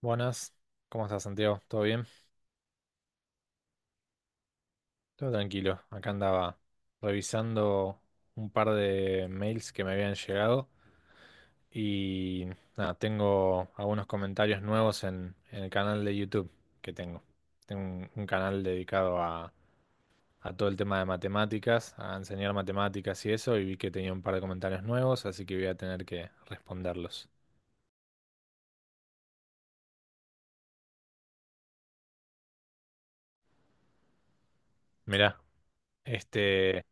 Buenas, ¿cómo estás, Santiago? ¿Todo bien? Todo tranquilo. Acá andaba revisando un par de mails que me habían llegado y nada, tengo algunos comentarios nuevos en el canal de YouTube que tengo. Tengo un canal dedicado a todo el tema de matemáticas, a enseñar matemáticas y eso, y vi que tenía un par de comentarios nuevos, así que voy a tener que responderlos. Mirá, este...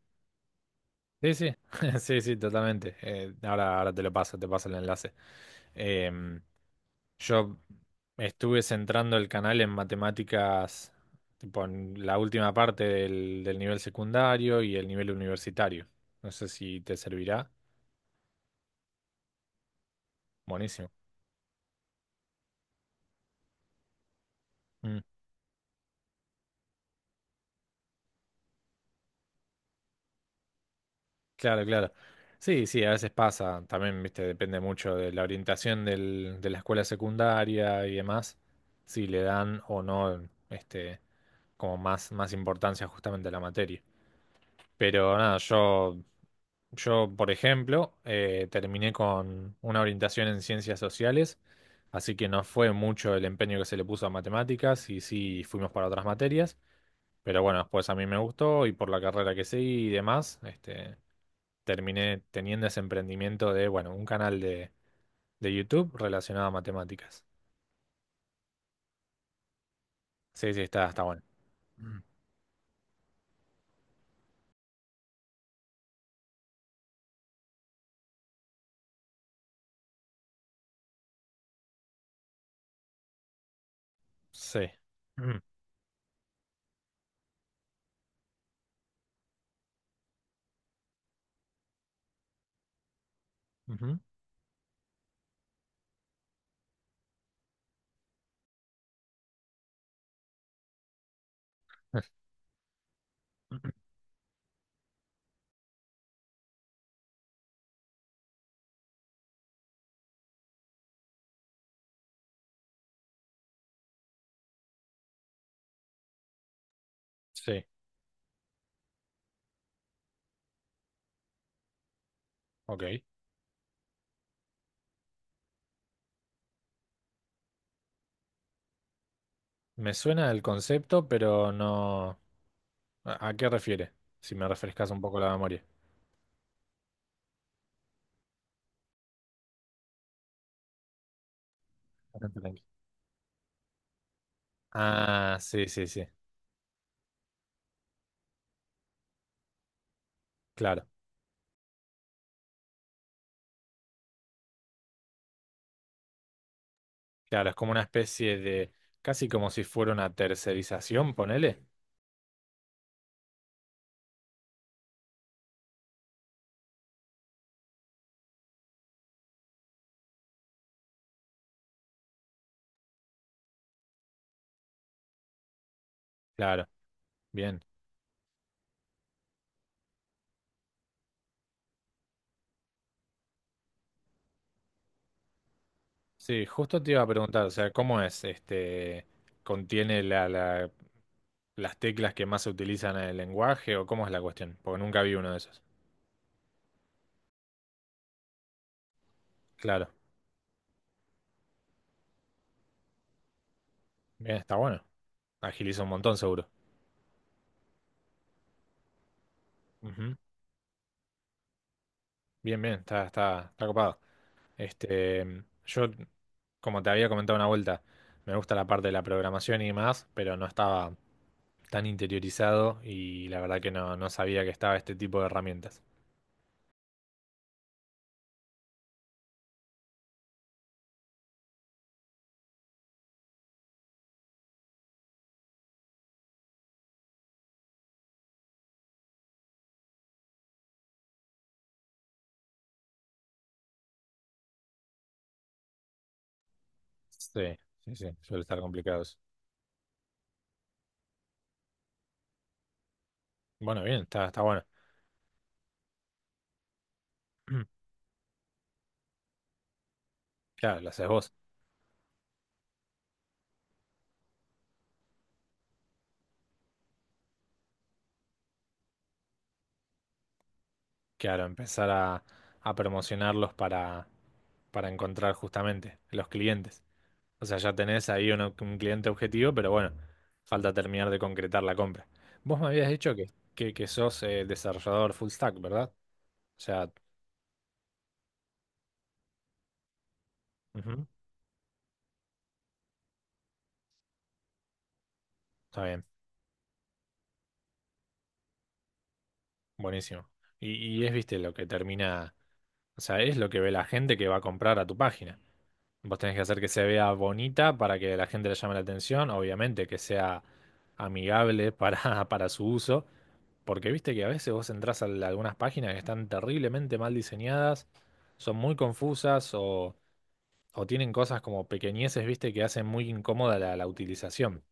Sí, sí, sí, sí, totalmente. Ahora te lo paso, te paso el enlace. Em, yo estuve centrando el canal en matemáticas, tipo en la última parte del nivel secundario y el nivel universitario. No sé si te servirá. Buenísimo. Mm, claro, claro. Sí, sí, a veces pasa. También, viste, depende mucho de la orientación de la escuela secundaria y demás. Si le dan o no, este, como más, más importancia justamente a la materia. Pero nada, yo por ejemplo, terminé con una orientación en ciencias sociales, así que no fue mucho el empeño que se le puso a matemáticas y sí fuimos para otras materias, pero bueno, después a mí me gustó y por la carrera que seguí y demás, este, terminé teniendo ese emprendimiento de, bueno, un canal de YouTube relacionado a matemáticas. Sí, sí, está, está bueno. Mm. Sí. Mm, ujú. Sí, ok. Me suena el concepto, pero no. ¿A qué refiere? Si me refrescas un poco la memoria. Bastante tranqui. Ah, sí, sí, sí. Claro, claro, es como una especie de, casi como si fuera una tercerización, ponele. Claro, bien. Sí, justo te iba a preguntar, o sea, ¿cómo es? Este, ¿contiene las teclas que más se utilizan en el lenguaje o cómo es la cuestión? Porque nunca vi uno de esos. Claro, bien, está bueno. Agiliza un montón, seguro. Ujú. Bien, bien, está, está, está copado. Este, yo, como te había comentado una vuelta, me gusta la parte de la programación y más pero no estaba tan interiorizado y la verdad que no, no sabía que estaba este tipo de herramientas. Sí, sí, sí, suele estar complicado eso. Bueno, bien, está, está bueno. Claro, lo haces vos. Claro, empezar a promocionarlos para encontrar justamente los clientes. O sea, ya tenés ahí un cliente objetivo, pero bueno, falta terminar de concretar la compra. Vos me habías dicho que sos desarrollador full stack, ¿verdad? O sea, ujú, está bien, buenísimo. Y es, viste, lo que termina, o sea, es lo que ve la gente que va a comprar a tu página. Vos tenés que hacer que se vea bonita para que la gente le llame la atención, obviamente, que sea amigable para, para su uso, porque viste que a veces vos entrás a algunas páginas que están terriblemente mal diseñadas, son muy confusas o tienen cosas como pequeñeces, viste, que hacen muy incómoda la, la utilización.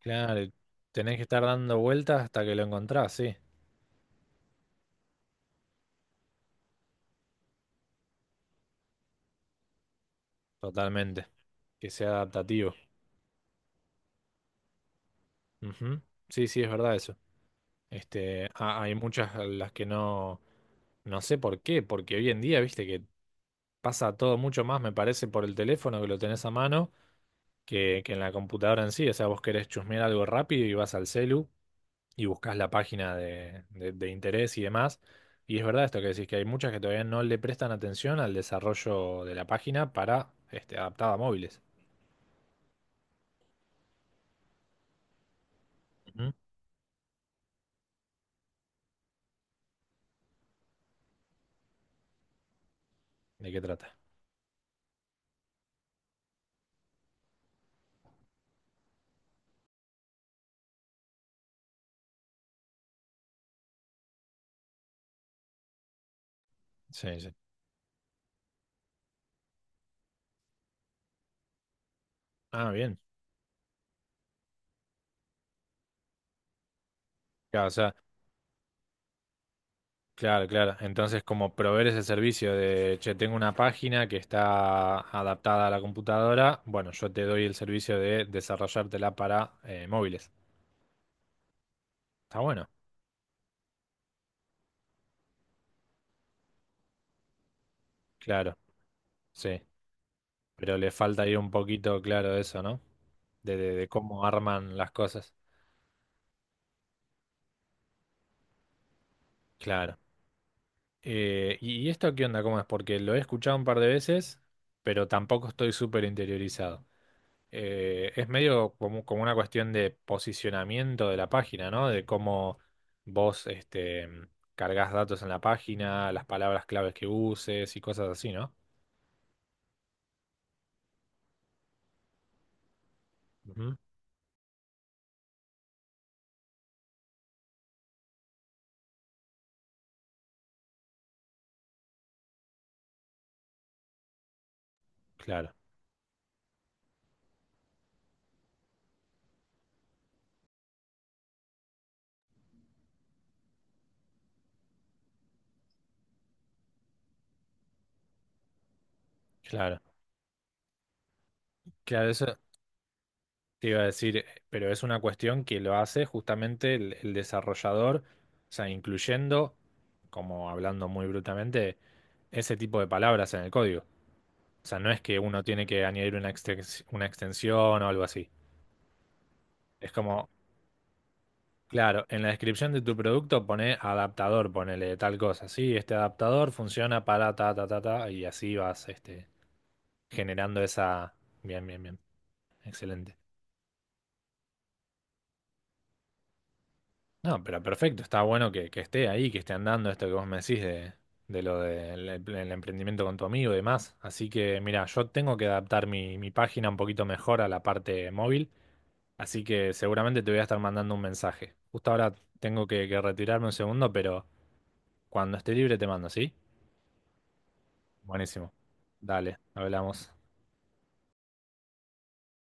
Claro, tenés que estar dando vueltas hasta que lo encontrás, sí, totalmente. Que sea adaptativo. Ujú. Sí, sí, es verdad eso. Este, hay muchas a las que no, no sé por qué, porque hoy en día, viste, que pasa todo mucho más, me parece, por el teléfono que lo tenés a mano, que en la computadora en sí. O sea, vos querés chusmear algo rápido y vas al celu y buscas la página de interés y demás. Y es verdad esto que decís, que hay muchas que todavía no le prestan atención al desarrollo de la página para este, adaptada a móviles. Ujú. ¿De qué trata? Sí, sí. Ah, bien. Claro, o sea, claro, claro. Entonces, como proveer ese servicio de, che, tengo una página que está adaptada a la computadora, bueno, yo te doy el servicio de desarrollártela para móviles. Está bueno, claro, sí. Pero le falta ahí un poquito, claro, eso, ¿no? De de cómo arman las cosas. Claro. ¿Y esto qué onda? ¿Cómo es? Porque lo he escuchado un par de veces, pero tampoco estoy súper interiorizado. Es medio como, como una cuestión de posicionamiento de la página, ¿no? De cómo vos este, cargas datos en la página, las palabras claves que uses y cosas así, ¿no? Ujú. Claro, claro. Claro, eso. Te iba a decir, pero es una cuestión que lo hace justamente el desarrollador, o sea, incluyendo, como hablando muy brutamente, ese tipo de palabras en el código. O sea, no es que uno tiene que añadir una una extensión o algo así. Es como, claro, en la descripción de tu producto pone adaptador, ponele tal cosa. Sí, este adaptador funciona para ta, ta, ta, ta, y así vas, este, generando esa... Bien, bien, bien. Excelente. No, pero perfecto, está bueno que esté ahí, que esté andando esto que vos me decís de lo del emprendimiento con tu amigo y demás. Así que, mira, yo tengo que adaptar mi, mi página un poquito mejor a la parte móvil, así que seguramente te voy a estar mandando un mensaje. Justo ahora tengo que retirarme un segundo, pero cuando esté libre te mando, ¿sí? Buenísimo. Dale, hablamos.